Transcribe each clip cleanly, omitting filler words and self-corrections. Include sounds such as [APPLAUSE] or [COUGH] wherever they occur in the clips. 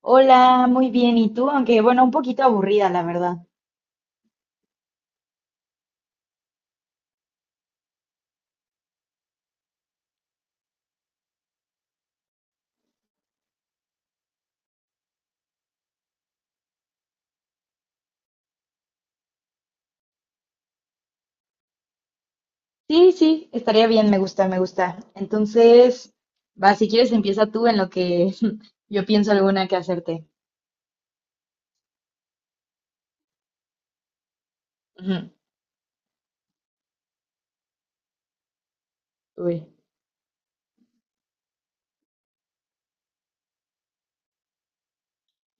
Hola, muy bien. ¿Y tú? Aunque bueno, un poquito aburrida, la verdad. Sí, sí, estaría bien, me gusta, me gusta. Entonces, va, si quieres empieza tú en lo que [LAUGHS] yo pienso alguna que hacerte. Ujú. Uy,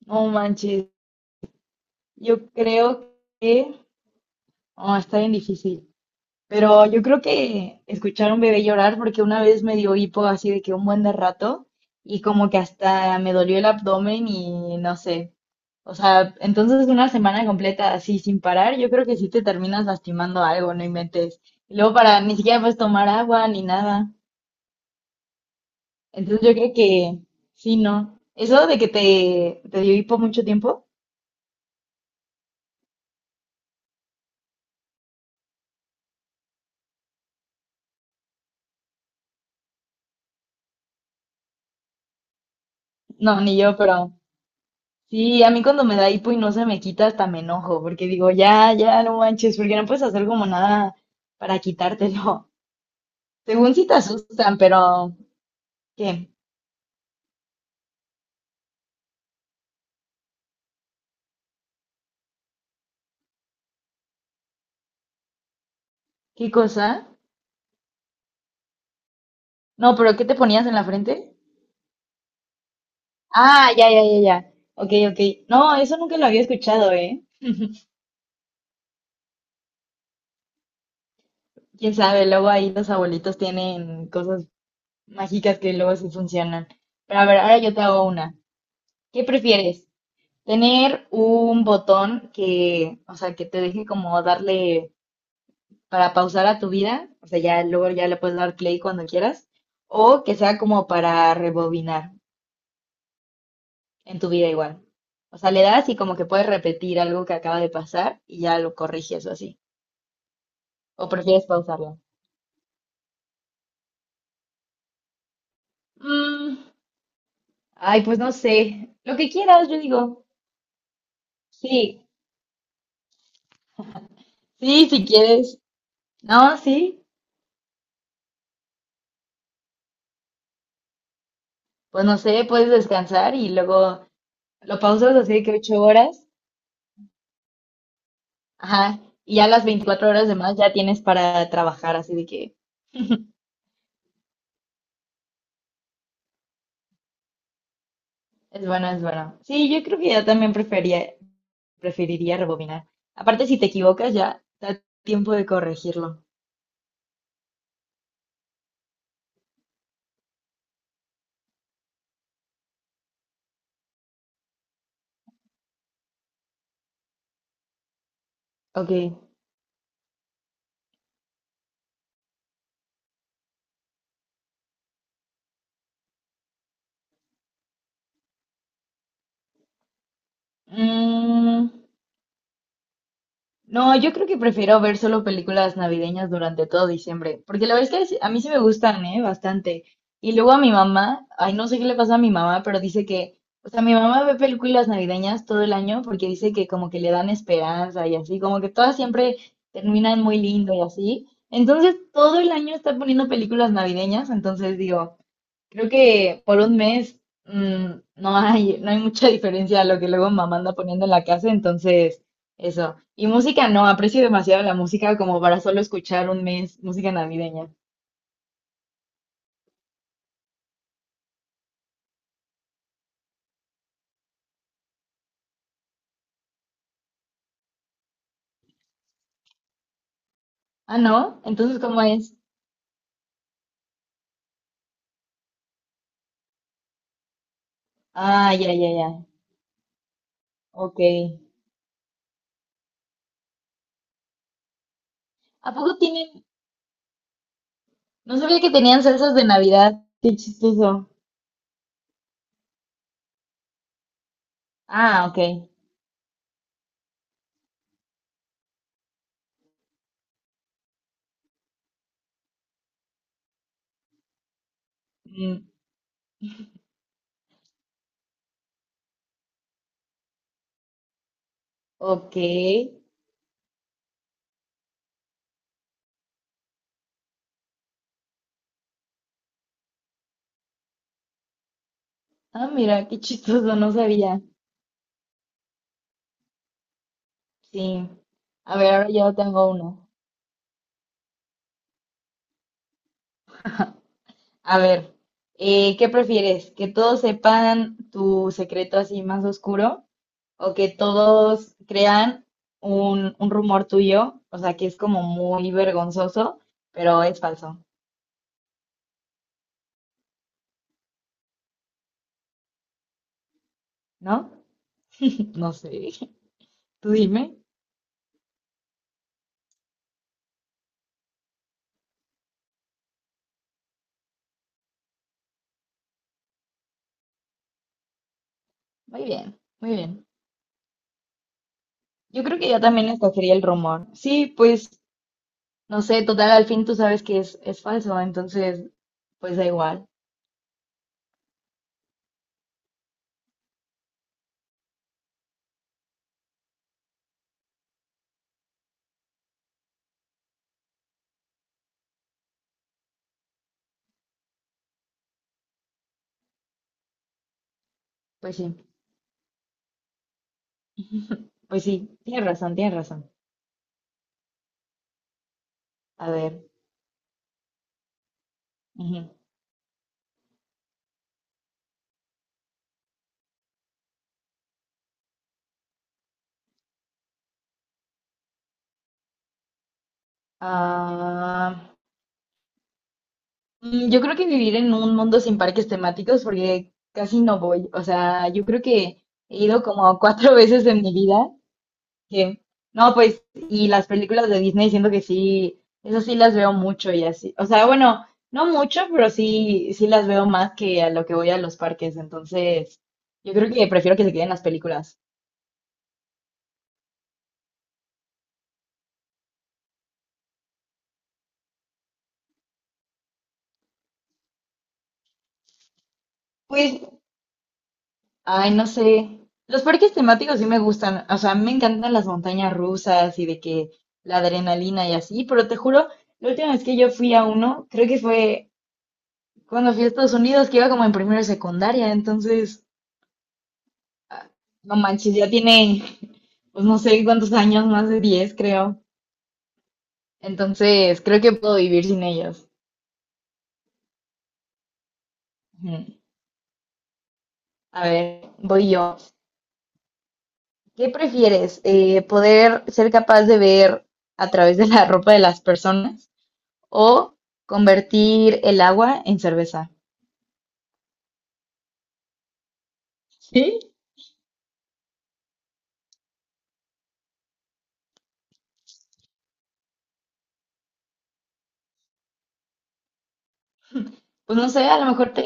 no manches. Yo creo que... Oh, está bien difícil. Pero yo creo que escuchar a un bebé llorar, porque una vez me dio hipo así de que un buen de rato y como que hasta me dolió el abdomen y no sé. O sea, entonces una semana completa así sin parar, yo creo que sí te terminas lastimando algo, no inventes. Y luego para ni siquiera puedes tomar agua ni nada. Entonces yo creo que sí, no. Eso de que te dio hipo mucho tiempo, no, ni yo, pero sí, a mí cuando me da hipo y no se me quita, hasta me enojo, porque digo, ya, ya, no manches, porque no puedes hacer como nada para quitártelo. [LAUGHS] Según si te asustan, pero ¿qué? ¿Qué cosa? No, pero ¿qué te ponías en la frente? Ah, ya, ya, ya, ya. Ok, ok. No, eso nunca lo había escuchado, ¿eh? Quién sabe, luego ahí los abuelitos tienen cosas mágicas que luego sí funcionan. Pero a ver, ahora yo te hago una. ¿Qué prefieres? ¿Tener un botón que, o sea, que te deje como darle para pausar a tu vida, o sea, ya luego ya le puedes dar play cuando quieras, o que sea como para rebobinar en tu vida igual? O sea, le das y como que puedes repetir algo que acaba de pasar y ya lo corriges o así. ¿O prefieres pausarlo? Mm, ay, pues no sé. Lo que quieras, yo digo. Sí, sí, si quieres. No, sí. Pues no sé, puedes descansar y luego lo pausas así de que 8 horas. Ajá. Y ya las 24 horas de más ya tienes para trabajar, así de que es bueno, es bueno. Sí, yo creo que ya también prefería, preferiría rebobinar. Aparte, si te equivocas, ya da tiempo de corregirlo. Ok. Mm, no, yo creo que prefiero ver solo películas navideñas durante todo diciembre, porque la verdad es que a mí sí me gustan, ¿eh? Bastante. Y luego a mi mamá, ay, no sé qué le pasa a mi mamá, pero dice que, o sea, mi mamá ve películas navideñas todo el año porque dice que como que le dan esperanza y así, como que todas siempre terminan muy lindo y así. Entonces, todo el año está poniendo películas navideñas, entonces digo, creo que por un mes mm, no hay mucha diferencia a lo que luego mamá anda poniendo en la casa, entonces eso. Y música no, aprecio demasiado la música como para solo escuchar un mes música navideña. Ah, ¿no? Entonces, ¿cómo es? Ah, ya, ya, ya. Ok. ¿A poco tienen? No sabía que tenían salsas de Navidad. Qué chistoso. Ah, ok. Mm, ok. Ah, mira, qué chistoso, no sabía. Sí. A ver, ahora yo tengo uno. A ver, ¿qué prefieres? ¿Que todos sepan tu secreto así más oscuro o que todos crean un rumor tuyo? O sea, que es como muy vergonzoso, pero es falso, ¿no? [LAUGHS] No sé, [LAUGHS] tú dime. Muy bien, muy bien. Yo creo que yo también escogería el rumor. Sí, pues, no sé, total, al fin tú sabes que es falso, entonces, pues da igual. Pues sí, pues sí, tienes razón, tienes razón. A ver. Ujú. Ah, mm, yo creo que vivir en un mundo sin parques temáticos, porque casi no voy. O sea, yo creo que he ido como cuatro [LAUGHS] veces en mi vida. Que, no, pues, y las películas de Disney siento que sí, eso sí las veo mucho y así. O sea, bueno, no mucho, pero sí, sí las veo más que a lo que voy a los parques. Entonces, yo creo que prefiero que se queden las películas. Pues ay, no sé. Los parques temáticos sí me gustan. O sea, me encantan las montañas rusas y de que la adrenalina y así, pero te juro, la última vez que yo fui a uno, creo que fue cuando fui a Estados Unidos, que iba como en primero de secundaria. Entonces, ah, no manches, ya tiene, [LAUGHS] pues no sé cuántos años, más de 10 creo. Entonces, creo que puedo vivir sin ellos. Ujú. A ver, voy yo. ¿Qué prefieres? ¿Poder ser capaz de ver a través de la ropa de las personas? O convertir el agua en cerveza. ¿Sí? Pues no sé, a lo mejor te,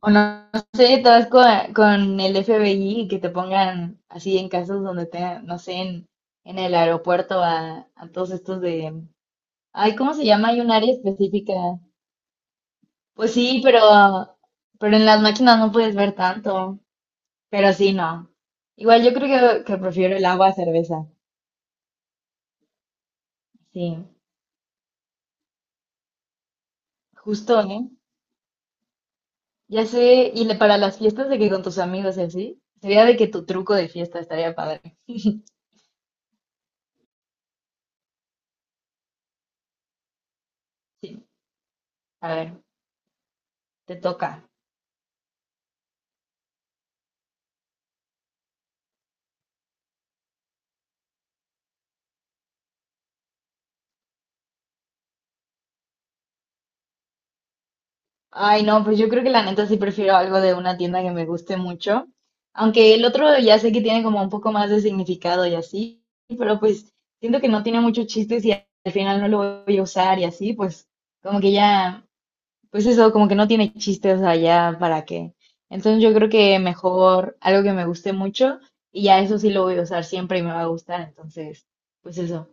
o no, no sé, te vas con, el FBI y que te pongan así en casos donde te, no sé, en, el aeropuerto a todos estos de, ay, ¿cómo se llama? Hay un área específica. Pues sí, pero en las máquinas no puedes ver tanto, pero sí, no. Igual yo creo que prefiero el agua a cerveza. Sí, justo, ¿eh? Ya sé, y para las fiestas de que con tus amigos y así, sería de que tu truco de fiesta estaría padre. Sí, a ver, te toca. Ay, no, pues yo creo que la neta sí prefiero algo de una tienda que me guste mucho, aunque el otro ya sé que tiene como un poco más de significado y así, pero pues siento que no tiene muchos chistes y al final no lo voy a usar y así, pues como que ya pues eso, como que no tiene chiste, o sea, ya para qué. Entonces yo creo que mejor algo que me guste mucho y ya eso sí lo voy a usar siempre y me va a gustar. Entonces, pues eso.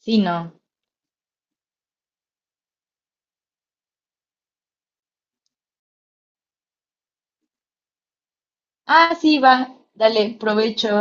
Sí, no. Ah, sí, va. Dale, provecho.